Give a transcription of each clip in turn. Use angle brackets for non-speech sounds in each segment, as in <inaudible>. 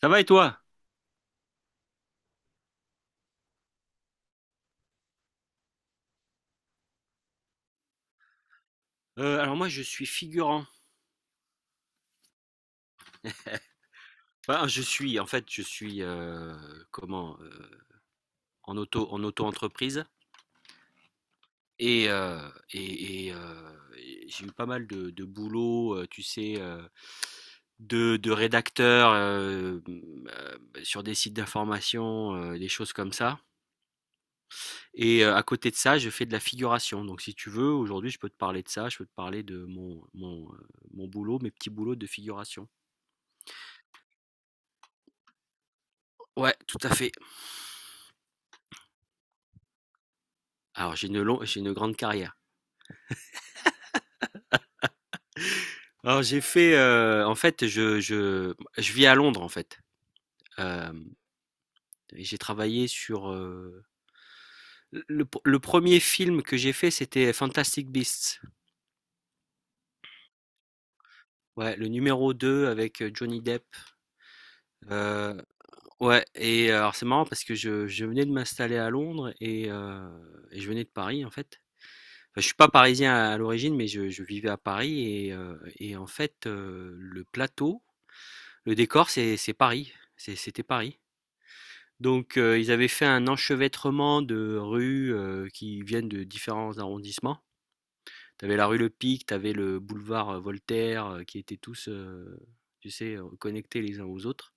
Ça va et toi? Alors moi je suis figurant. Enfin, je suis, en fait, je suis, comment? En auto-entreprise et et et j'ai eu pas mal de boulot, tu sais, de rédacteur, sur des sites d'information, des choses comme ça et à côté de ça, je fais de la figuration. Donc si tu veux, aujourd'hui, je peux te parler de ça, je peux te parler de mon boulot, mes petits boulots de figuration. Ouais, tout à fait. Alors j'ai une grande carrière. Alors j'ai fait, en fait je vis à Londres en fait, hem et j'ai travaillé sur, le premier film que j'ai fait c'était Fantastic Beasts. Ouais, le numéro 2 avec, Johnny Depp. Heu, ouais et alors c'est marrant parce que je venais de m'installer à Londres et je venais de Paris en fait. Enfin je suis pas parisien à l'origine mais je vivais à Paris et en fait, le plateau, le décor c'est Paris, c'était Paris. Donc ils avaient fait un enchevêtrement de rues qui viennent de différents arrondissements. T'avais la rue Le Pic, t'avais le boulevard Voltaire, qui étaient tous, tu sais, connectés les uns aux autres.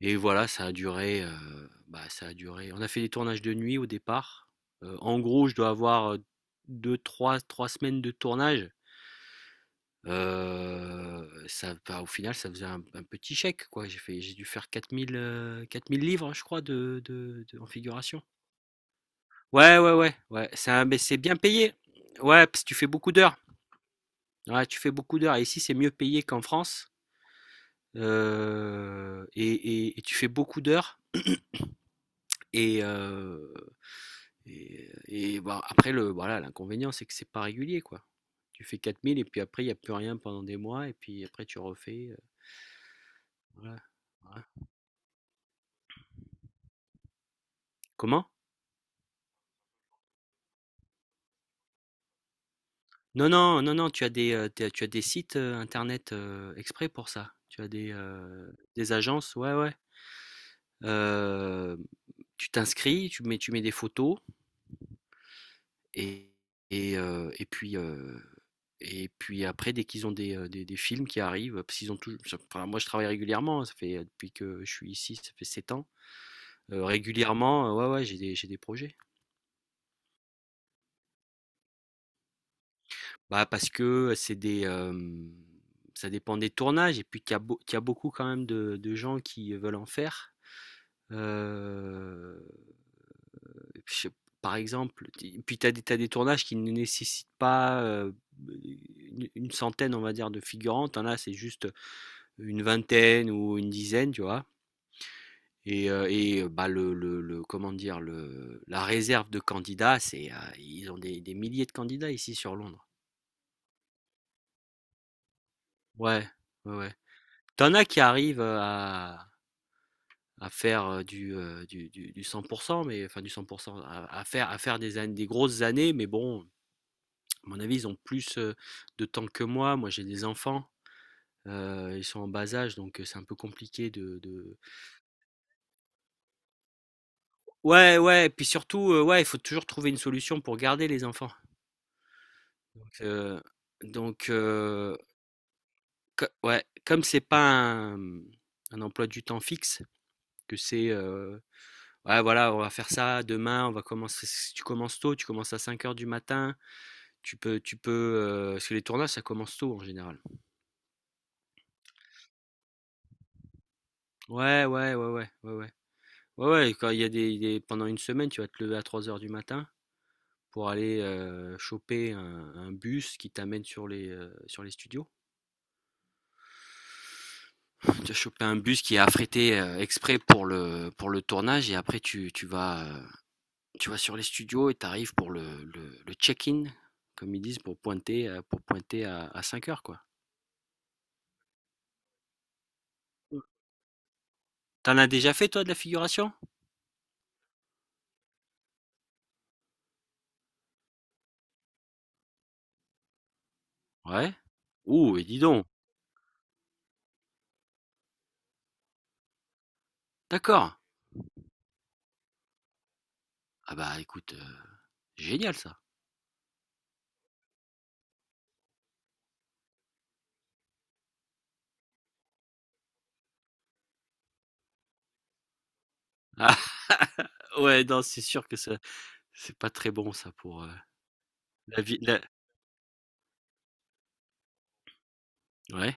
Et voilà, ça a duré, bah, ça a duré. On a fait des tournages de nuit au départ. En gros, je dois avoir deux, trois semaines de tournage. Ça, bah, au final, ça faisait un petit chèque, quoi. J'ai dû faire 4 000 livres, je crois, en figuration. Ouais, ouais, ouais, ouais, ça, mais c'est bien payé. Ouais, parce que tu fais beaucoup d'heures. Ouais, tu fais beaucoup d'heures. Et ici, c'est mieux payé qu'en France. Euh, et, et tu fais beaucoup d'heures. Et, euh, et, Bah, après, voilà, l'inconvénient, c'est que c'est pas régulier, quoi. Tu fais 4 000 et puis après, il n'y a plus rien pendant des mois. Et puis après, tu refais. Voilà. Ouais. Comment? Non, non, non, non, tu as des sites internet exprès pour ça. Tu as des agences, ouais, ouais. Euh, Tu t'inscris, tu mets des photos et, et, euh, et puis euh, et puis après dès qu'ils ont des films qui arrivent, parce qu'ils ont tout. Enfin, moi je travaille régulièrement, ça fait depuis que je suis ici, ça fait 7 ans. Régulièrement, ouais, ouais, j'ai des projets. Bah parce que c'est des ça dépend des tournages et puis qu'il y a beaucoup quand même de gens qui veulent en faire. Euh, je sais- Par exemple, puis t'as des tournages qui ne nécessitent pas une centaine, on va dire, de figurants. T'en as, c'est juste une vingtaine ou une dizaine, tu vois. Bah, comment dire, la réserve de candidats, c'est, ils ont des milliers de candidats ici sur Londres. Ouais, ouais, ouais. T'en as qui arrivent à faire du 100%, mais enfin du 100%, à faire des grosses années, mais bon, à mon avis, ils ont plus de temps que moi. Moi, j'ai des enfants. Ils sont en bas âge, donc c'est un peu compliqué de. Ouais, ouais. Et puis surtout, ouais, il faut toujours trouver une solution pour garder les enfants. Donc, euh, donc, euh, ouais, comme c'est pas un emploi du temps fixe, que c'est, ouais, voilà, on va faire ça demain, on va commencer. Si tu commences tôt, tu commences à 5 heures du matin. Tu peux, parce que les tournages, ça commence tôt en général. Ouais, ouais, ouais, ouais, ouais, ouais. Ouais, ouais, quand il y a pendant une semaine, tu vas te lever à 3 heures du matin pour aller choper un bus qui t'amène sur sur les studios. <laughs> Tu vas choper un bus qui est affrété exprès pour pour le tournage et après tu vas sur les studios et tu arrives pour le check-in, comme ils disent, pour pointer à 5 heures, quoi. T'en as déjà fait, toi, de la figuration? Ouais. Ouh, et dis donc. D'accord. Ah bah écoute, génial ça. <laughs> Ah, ouais, non, c'est sûr que ça, c'est pas très bon ça pour, la vie la ouais,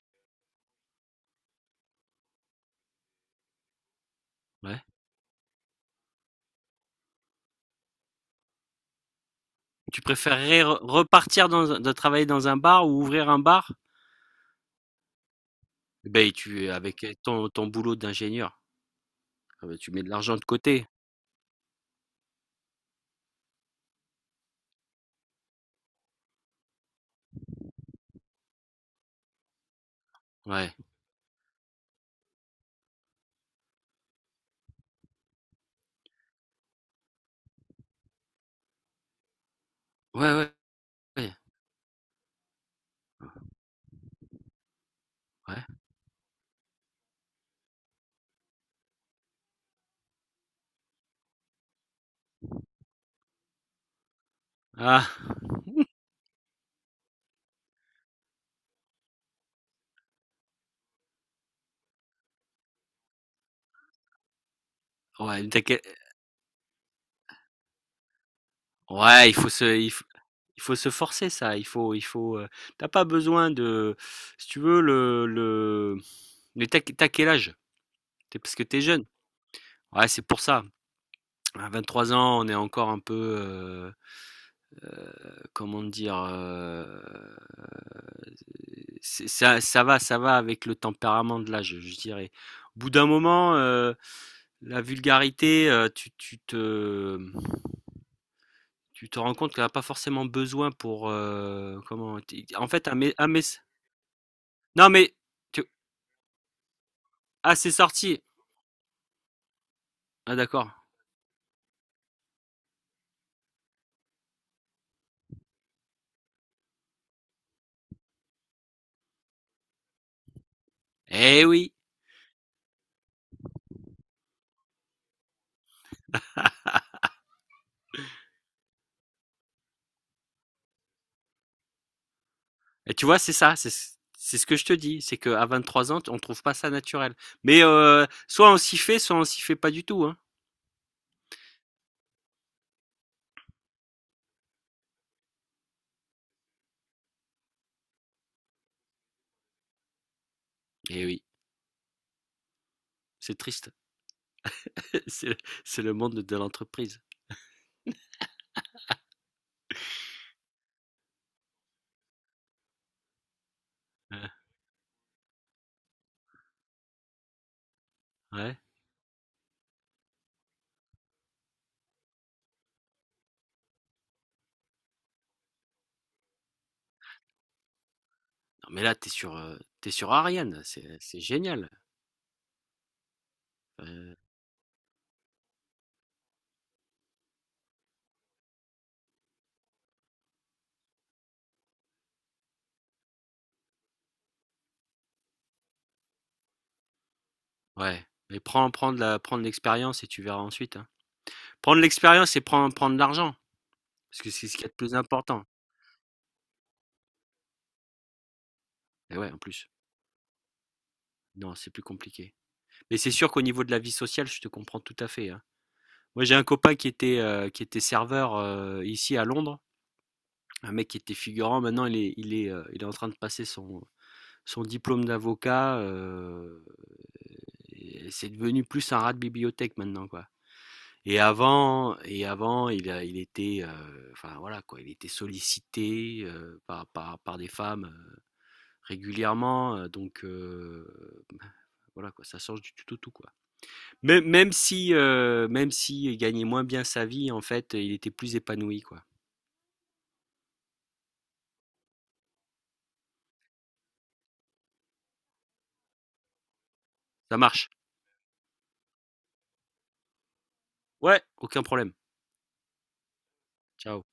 ouais. Tu préférerais re repartir dans un de travailler dans un bar ou ouvrir un bar? Ben tu avec ton boulot d'ingénieur, ah bah, tu mets de l'argent de côté. Ouais. Ouais, ouais, ouais, ouais. Ah! Ouais, t'inquiè ouais, il faut se forcer ça, tu pas besoin de si tu veux le mais tu as quel âge? Tu Parce que t'es jeune. Ouais, c'est pour ça. À 23 ans, on est encore un peu, euh, comment dire, ça va avec le tempérament de l'âge, je dirais. Au bout d'un moment, la vulgarité, tu te rends compte qu'elle n'a pas forcément besoin pour, comment, en fait, non mais, tu, ah c'est sorti, ah d'accord, eh oui, et tu vois c'est ça, c'est ce que je te dis, c'est qu'à 23 ans, on trouve pas ça naturel. Mais soit on s'y fait, soit on s'y fait pas du tout, hein. Eh oui. C'est triste. <laughs> C'est c'est le monde de l'entreprise. Heu, ouais. Non mais là, tu sur Ariane, c'est génial. Heu, ouais, mais prends de l'expérience et tu verras ensuite, hein. Prends l'expérience et prendre de l'argent, parce que c'est ce qu'il y a de plus important. Et ouais, en plus. Non, c'est plus compliqué. Mais c'est sûr qu'au niveau de la vie sociale, je te comprends tout à fait, hein. Moi, j'ai un copain qui était serveur, ici à Londres. Un mec qui était figurant, maintenant il est en train de passer son diplôme d'avocat, c'est devenu plus un rat de bibliothèque maintenant, quoi. Et avant, il était, enfin voilà quoi, il était sollicité par des femmes régulièrement, voilà quoi, ça change du tout au tout quoi. Même si il gagnait moins bien sa vie, en fait, il était plus épanoui quoi. Ça marche. Ouais, aucun problème. Ciao.